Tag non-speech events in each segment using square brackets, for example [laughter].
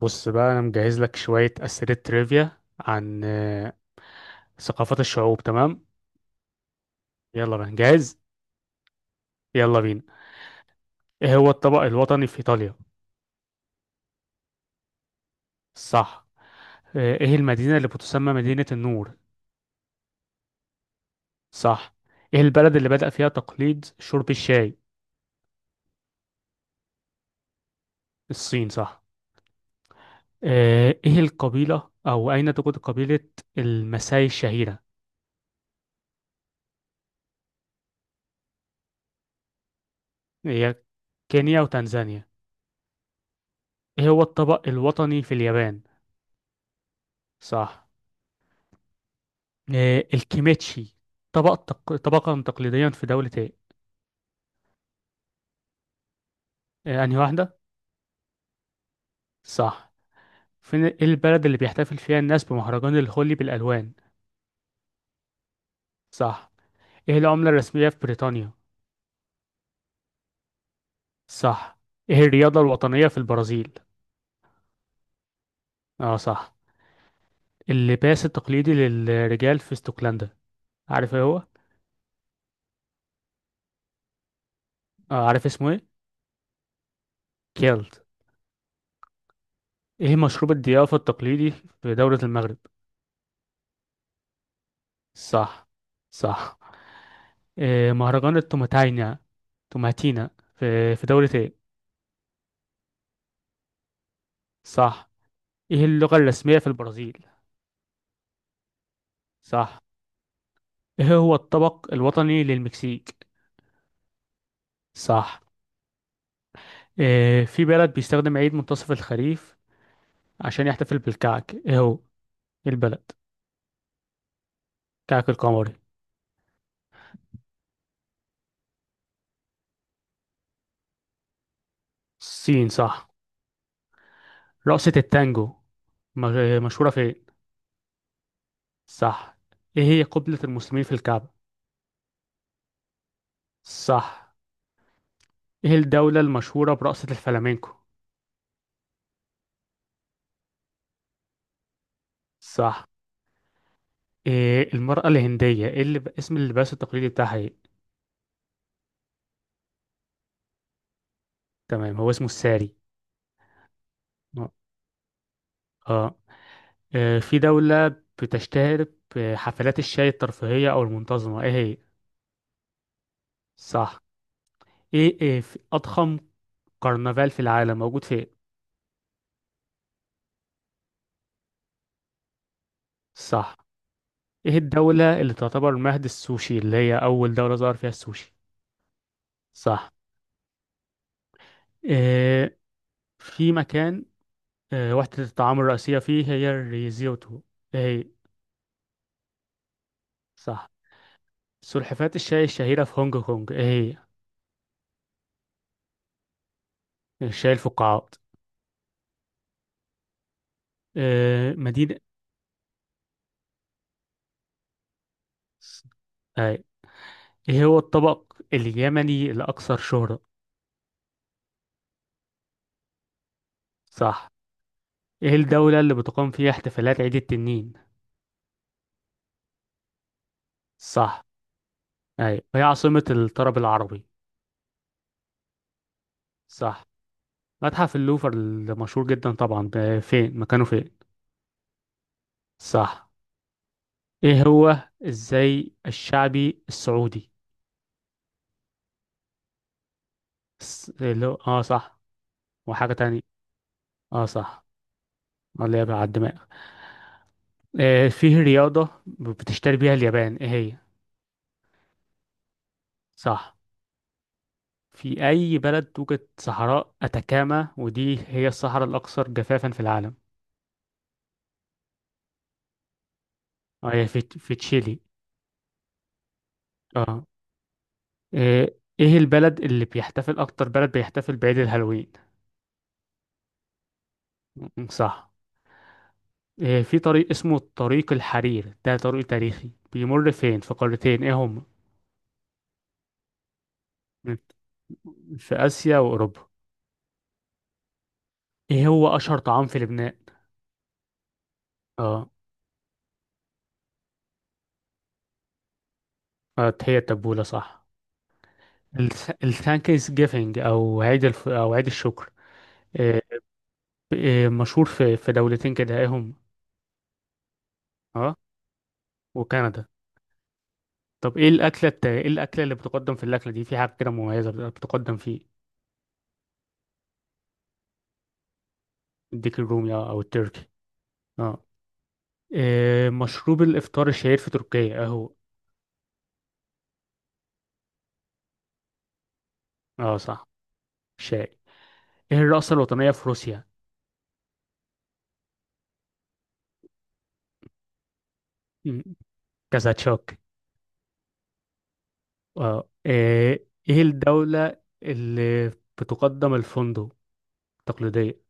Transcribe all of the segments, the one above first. بص بقى انا مجهز لك شوية أسئلة تريفيا عن ثقافات الشعوب. تمام. يلا بقى جاهز. يلا بينا. ايه هو الطبق الوطني في ايطاليا؟ صح. ايه المدينة اللي بتسمى مدينة النور؟ صح. ايه البلد اللي بدأ فيها تقليد شرب الشاي؟ الصين، صح. ايه القبيلة او اين توجد قبيلة المساي الشهيرة؟ هي كينيا وتنزانيا. ايه هو الطبق الوطني في اليابان؟ صح. الكيميتشي طبقا تقليديا في دولة ايه؟ أنهي واحدة؟ صح. فين إيه البلد اللي بيحتفل فيها الناس بمهرجان الهولي بالألوان؟ صح. ايه العملة الرسمية في بريطانيا؟ صح. ايه الرياضة الوطنية في البرازيل؟ اه صح. اللباس التقليدي للرجال في اسكتلندا، عارف ايه هو؟ اه عارف اسمه ايه؟ كيلت. ايه مشروب الضيافة التقليدي في دولة المغرب؟ صح. صح. إيه مهرجان التوماتينا، توماتينا في دولة ايه؟ صح. ايه اللغة الرسمية في البرازيل؟ صح. ايه هو الطبق الوطني للمكسيك؟ صح. إيه في بلد بيستخدم عيد منتصف الخريف عشان يحتفل بالكعك، ايه هو؟ إيه البلد؟ كعك القمري. الصين، صح. رقصة التانجو، مشهورة فين؟ صح. ايه هي قبلة المسلمين في الكعبة؟ صح. ايه الدولة المشهورة برقصة الفلامينكو؟ صح. إيه المرأة الهندية، ايه اللي اسم اللباس التقليدي بتاعها ايه؟ تمام، هو اسمه الساري. اه. في دولة بتشتهر بحفلات الشاي الترفيهية أو المنتظمة، إيه هي؟ صح. إيه في أضخم كرنفال في العالم موجود فين؟ صح. إيه الدولة اللي تعتبر مهد السوشي، اللي هي أول دولة ظهر فيها السوشي؟ صح. إيه في مكان، إيه وحدة الطعام الرئيسية فيه هي الريزيوتو، إيه هي؟ صح. سلحفاة الشاي الشهيرة في هونج كونج، إيه هي؟ الشاي الفقاعات. إيه مدينة. أي. ايه هو الطبق اليمني الأكثر شهرة؟ صح. ايه الدولة اللي بتقام فيها احتفالات عيد التنين؟ صح. ايوه هي عاصمة الطرب العربي؟ صح. متحف اللوفر المشهور جدا طبعا، ده فين مكانه، فين؟ صح. ايه هو الزي الشعبي السعودي؟ اللي هو اه صح. وحاجة تانية. اه صح، اللي هي على الدماغ. آه فيه رياضة بتشتري بيها اليابان، ايه هي؟ صح. في أي بلد توجد صحراء أتاكاما، ودي هي الصحراء الأكثر جفافا في العالم؟ اه هي في تشيلي. اه. إيه البلد اللي بيحتفل أكتر، بلد بيحتفل بعيد الهالوين؟ صح. إيه في طريق اسمه طريق الحرير، ده طريق تاريخي بيمر فين في قارتين، إيه هم؟ في آسيا وأوروبا. إيه هو أشهر طعام في لبنان؟ اه. هي التبولة، صح. الثانكس جيفينج أو أو عيد الشكر، إيه، إيه مشهور في دولتين كده، إيه هم؟ اه، وكندا. طب ايه ايه الاكله اللي بتقدم في الاكله دي، في حاجه كده مميزه بتقدم فيه؟ الديك الرومي اه، او التركي. اه. إيه مشروب الافطار الشهير في تركيا اهو؟ اه صح، شاي. ايه الرقصه الوطنيه في روسيا؟ مم، كازاتشوك. اه ايه الدوله اللي بتقدم الفندق التقليديه؟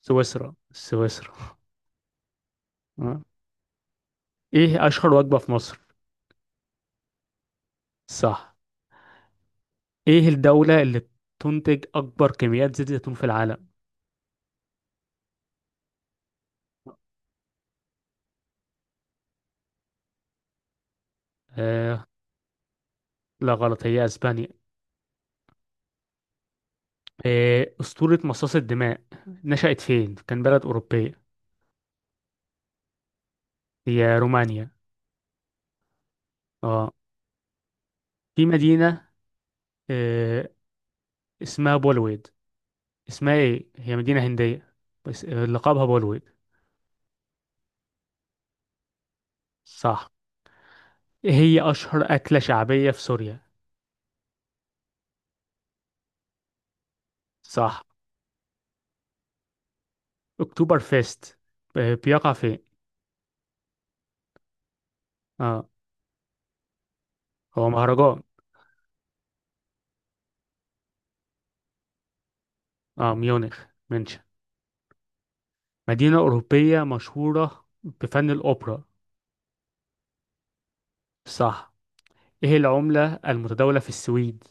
سويسرا، سويسرا. اه. ايه اشهر وجبه في مصر؟ صح. ايه الدوله اللي بتنتج اكبر كميات زيت زيتون في العالم؟ آه، لا غلط، هي اسبانيا. إيه، اسطورة مصاص الدماء نشأت فين، كان بلد اوروبية؟ هي رومانيا. اه. في مدينة، إيه، اسمها بولويد، اسمها ايه، هي مدينة هندية بس لقبها بولويد. صح. إيه هي اشهر اكلة شعبية في سوريا؟ صح. اكتوبر فيست، بيقع فين؟ اه، هو مهرجان. اه ميونخ، منشن. مدينة أوروبية مشهورة بفن الأوبرا؟ صح. ايه العملة المتداولة في السويد؟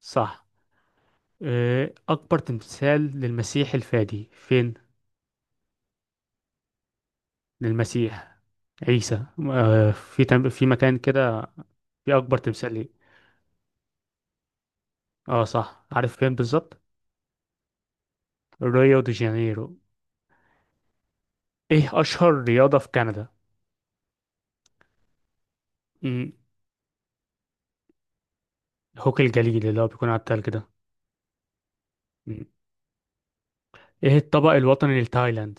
صح. أكبر تمثال للمسيح الفادي فين؟ للمسيح عيسى، في مكان كده في أكبر تمثال ليه. اه صح، عارف فين بالظبط؟ ريو دي جانيرو. ايه أشهر رياضة في كندا؟ مم. هوكي الجليد، اللي هو بيكون على التلج ده. مم. ايه الطبق الوطني لتايلاند؟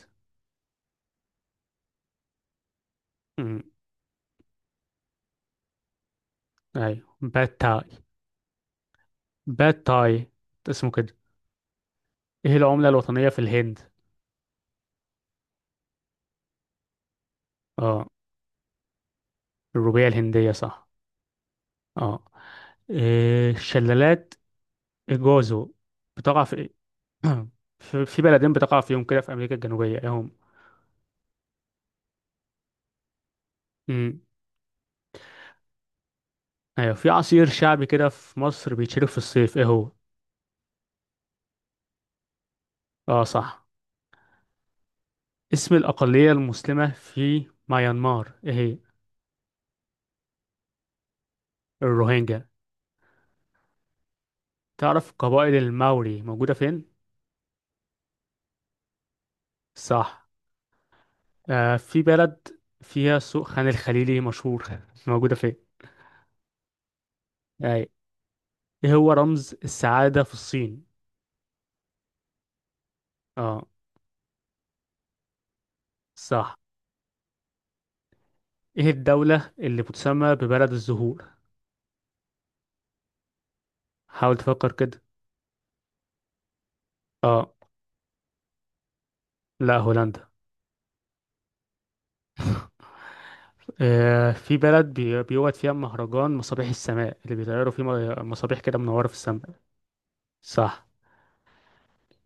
مم. أيوه، باد تاي. باد تاي، اسمه كده. ايه العملة الوطنية في الهند؟ اه. الروبية الهندية، صح. اه. إيه الشلالات إيجوازو بتقع في [clears throat] في بلدين بتقع فيهم كده في أمريكا الجنوبية، إيه هم؟ مم. أيوة. في عصير شعبي كده في مصر بيتشرب في الصيف، إيه هو؟ آه صح. اسم الأقلية المسلمة في ميانمار، إيه هي؟ الروهينجا. تعرف قبائل الماوري موجودة فين؟ صح. آه في بلد فيها سوق خان الخليلي مشهور [laughs] موجودة فين؟ أي. إيه هو رمز السعادة في الصين؟ آه صح. إيه الدولة اللي بتسمى ببلد الزهور؟ حاول تفكر كده. اه، لا هولندا. آه في بلد بيوجد فيها مهرجان مصابيح السماء اللي بيطيروا فيه مصابيح كده منورة في السماء؟ صح.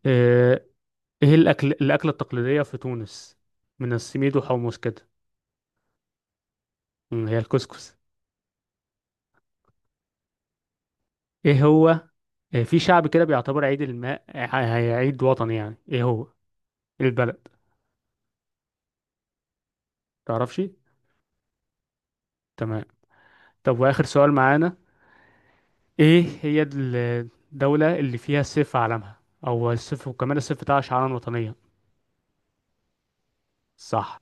آه ايه الاكلة التقليدية في تونس، من السميد وحمص كده؟ هي الكسكس. ايه هو؟ آه في شعب كده بيعتبر عيد الماء عيد وطني يعني، ايه هو؟ إيه البلد؟ تعرفش؟ تمام. طب واخر سؤال معانا، ايه هي الدولة اللي فيها السيف في علمها، او السيف، وكمان السيف بتاعها شعارا وطنيا؟ صح.